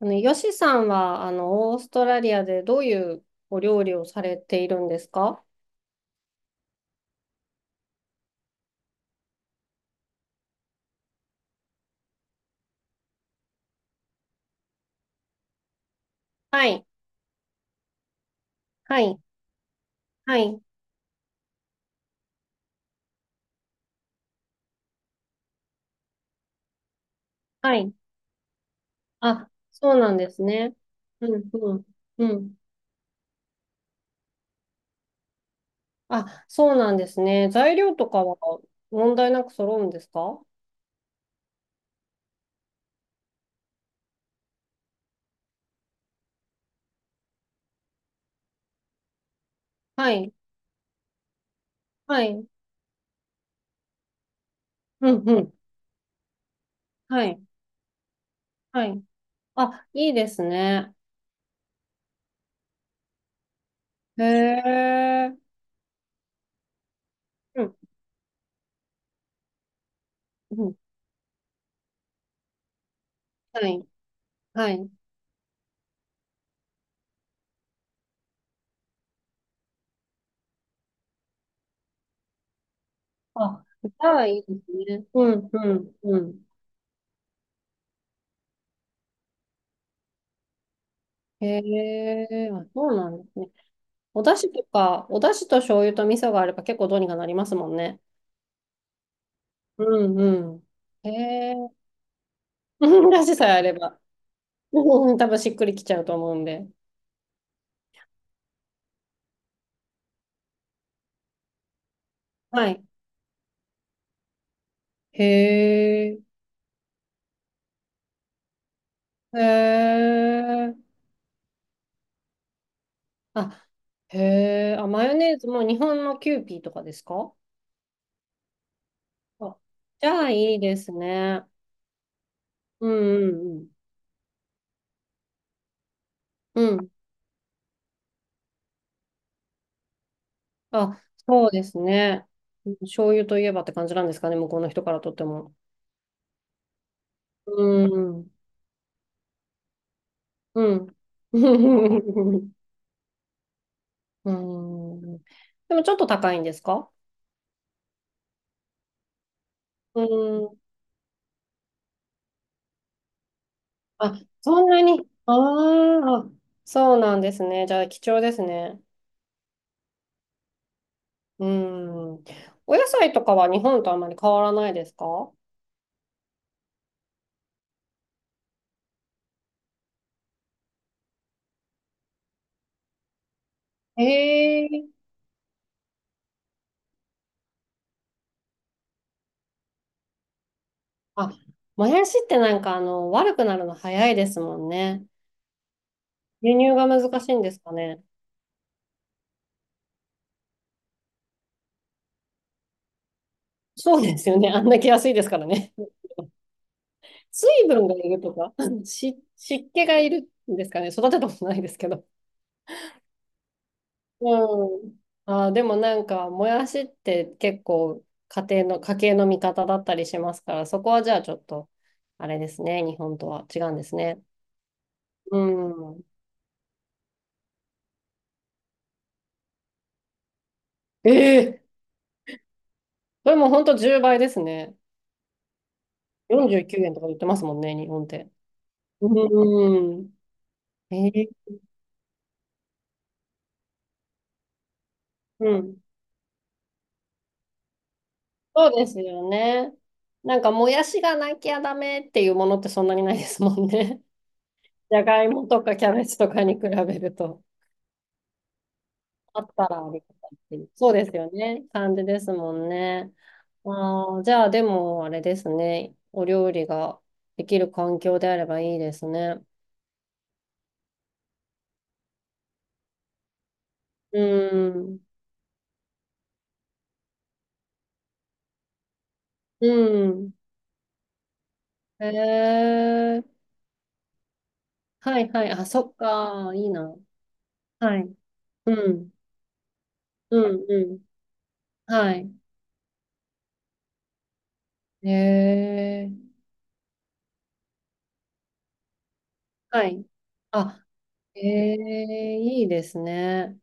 あの、ヨシさんは、あの、オーストラリアでどういうお料理をされているんですか？はい、はい、はい、はい。あ、そうなんですね。うん、うん、うん。あ、そうなんですね。材料とかは問題なく揃うんですか？はい、はい、うん、うん、はい、はい。あ、いいですね。へえ、うん、うん、はい、はい。あ、じゃあいいですね。うん、うん、うん。へえ、あ、そうなんですね。お出汁とか、お出汁と醤油と味噌があれば結構どうにかなりますもんね。うんうん。へえ。出汁さえあれば。うん、多分しっくりきちゃうと思うんで。はい。へえ。へえ。あ、へえ。あ、マヨネーズも日本のキューピーとかですか？あ、じゃあいいですね。うんうんうん。うん。あ、そうですね。醤油といえばって感じなんですかね、向こうの人からとっても。うん。うん。うん。でもちょっと高いんですか？うん。あ、そんなに。ああ、そうなんですね。じゃあ貴重ですね。うん。お野菜とかは日本とあまり変わらないですか？ええ。あ、もやしってなんかあの、悪くなるの早いですもんね。輸入が難しいんですかね。そうですよね。あんだけ安いですからね。水分がいるとか、湿気がいるんですかね。育てたことないですけど。うん。あー、でもなんか、もやしって結構家庭の、家計の味方だったりしますから、そこはじゃあちょっと、あれですね、日本とは違うんですね。うん。ええ。それも本当10倍ですね。49円とか言ってますもんね、日本って。うん。ええ。うん。そうですよね。なんか、もやしがなきゃダメっていうものってそんなにないですもんね。じゃがいもとかキャベツとかに比べると。あったらありがたいっていう。そうですよね。感じですもんね。ああ、じゃあでもあれですね。お料理ができる環境であればいいですね。うん。うん。へえ。はいはい。あ、そっか。いいな。はい。うん。うんうん。はい。へえ。はい。あ、へえ、いいですね。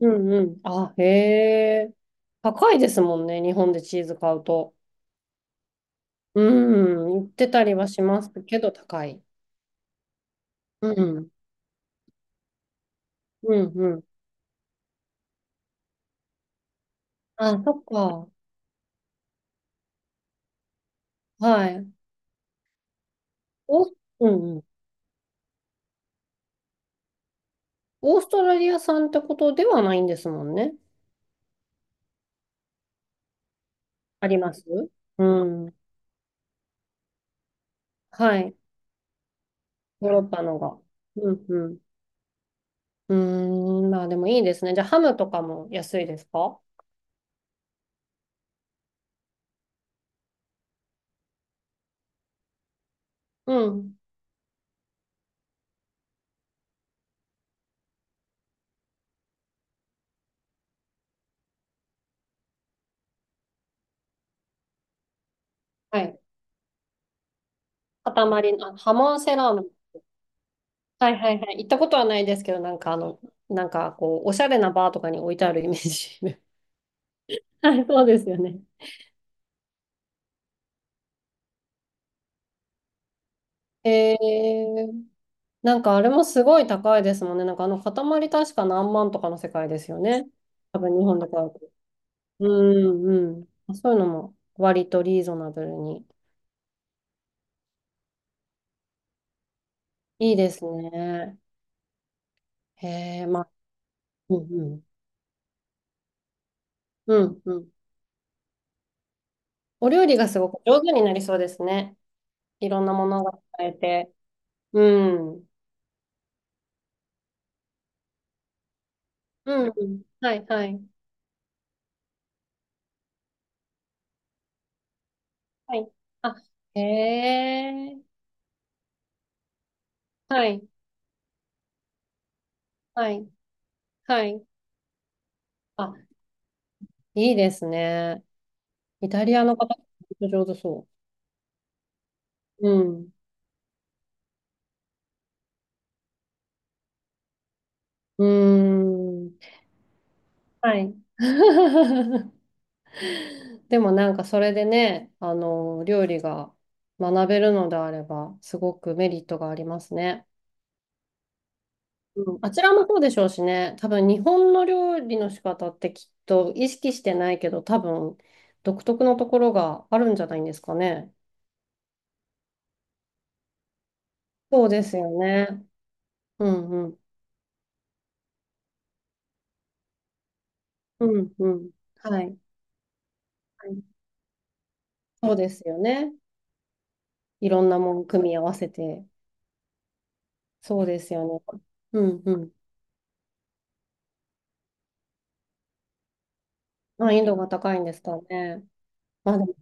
うんうん。あ、へえ。高いですもんね。日本でチーズ買うと。うん、言ってたりはしますけど、高い。うん、うん、うん。あ、そっか。はい。オース、うんうん、オーストラリア産ってことではないんですもんね。あります。うん。はい。ヨーロッパのが。うん、うん。うーん、まあでもいいですね。じゃあ、ハムとかも安いですか？うん。はい。塊の、あ、ハモンセラーム。はいはいはい。行ったことはないですけど、なんかあの、なんかこう、おしゃれなバーとかに置いてあるイメージ。はい、そうですよね。えー、なんかあれもすごい高いですもんね。なんかあの塊確か何万とかの世界ですよね。多分日本で買うと。うんうん。そういうのも割とリーズナブルに。いいですね。へえ、まあ、うんうん。うんうん。お料理がすごく上手になりそうですね。いろんなものが使えて。うん。うんうん。はいはい。はい。あ、へえ。はいはいはい。あ、いいですね。イタリアの方、本当上手そう。うん。うーん。はい。でもなんかそれでね、あの、料理が学べるのであれば、すごくメリットがありますね。うん、あちらもそうでしょうしね、多分日本の料理の仕方ってきっと意識してないけど、多分独特のところがあるんじゃないんですかね。そうですよね。うんうん。うんうん。はい。はい。そうですよね。いろんなもん組み合わせて。そうですよね。うんうん。難易度が高いんですかね。まあでも、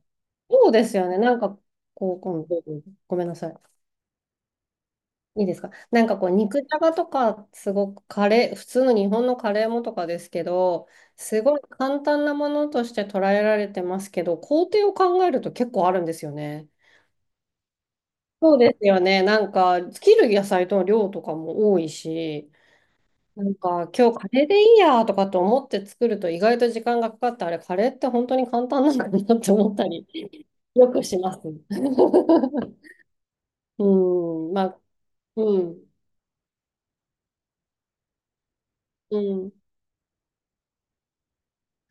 そうですよね。なんか、こう、今度、ごめんなさい。いいですか？なんかこう、肉じゃがとか、すごくカレー、普通の日本のカレーもとかですけど、すごい簡単なものとして捉えられてますけど、工程を考えると結構あるんですよね。そうですよね。なんか、切る野菜の量とかも多いし、なんか今日カレーでいいやとかと思って作ると意外と時間がかかって、あれ、カレーって本当に簡単なんだなって思ったり よくします。うん、まあ、うん、うん、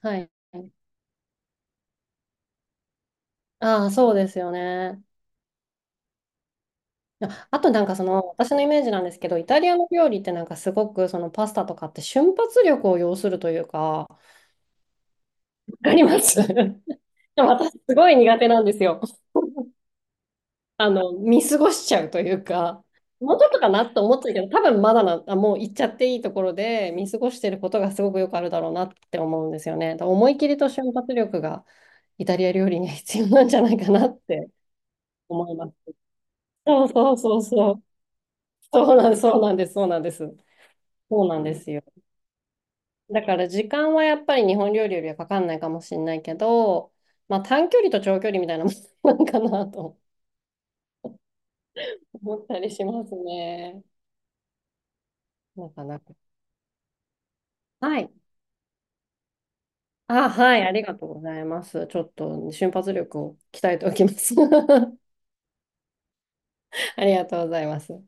はい。ああ、そうですよね。ああ、となんかその私のイメージなんですけど、イタリアの料理ってなんかすごくそのパスタとかって瞬発力を要するというか、わかります。 でも私すごい苦手なんですよ。あの、見過ごしちゃうというか、もうちょっとかなと思ってたけど、多分まだな、あ、もう行っちゃっていいところで見過ごしてることがすごくよくあるだろうなって思うんですよね。だから思い切りと瞬発力がイタリア料理には必要なんじゃないかなって思います。そうそうそうそう。そうなんです、そうなんです。そうなんですよ。だから時間はやっぱり日本料理よりはかかんないかもしれないけど、まあ短距離と長距離みたいなもんなんかなと思ったりしますね。なかなか。はい。あ、はい、ありがとうございます。ちょっと瞬発力を鍛えておきます。ありがとうございます。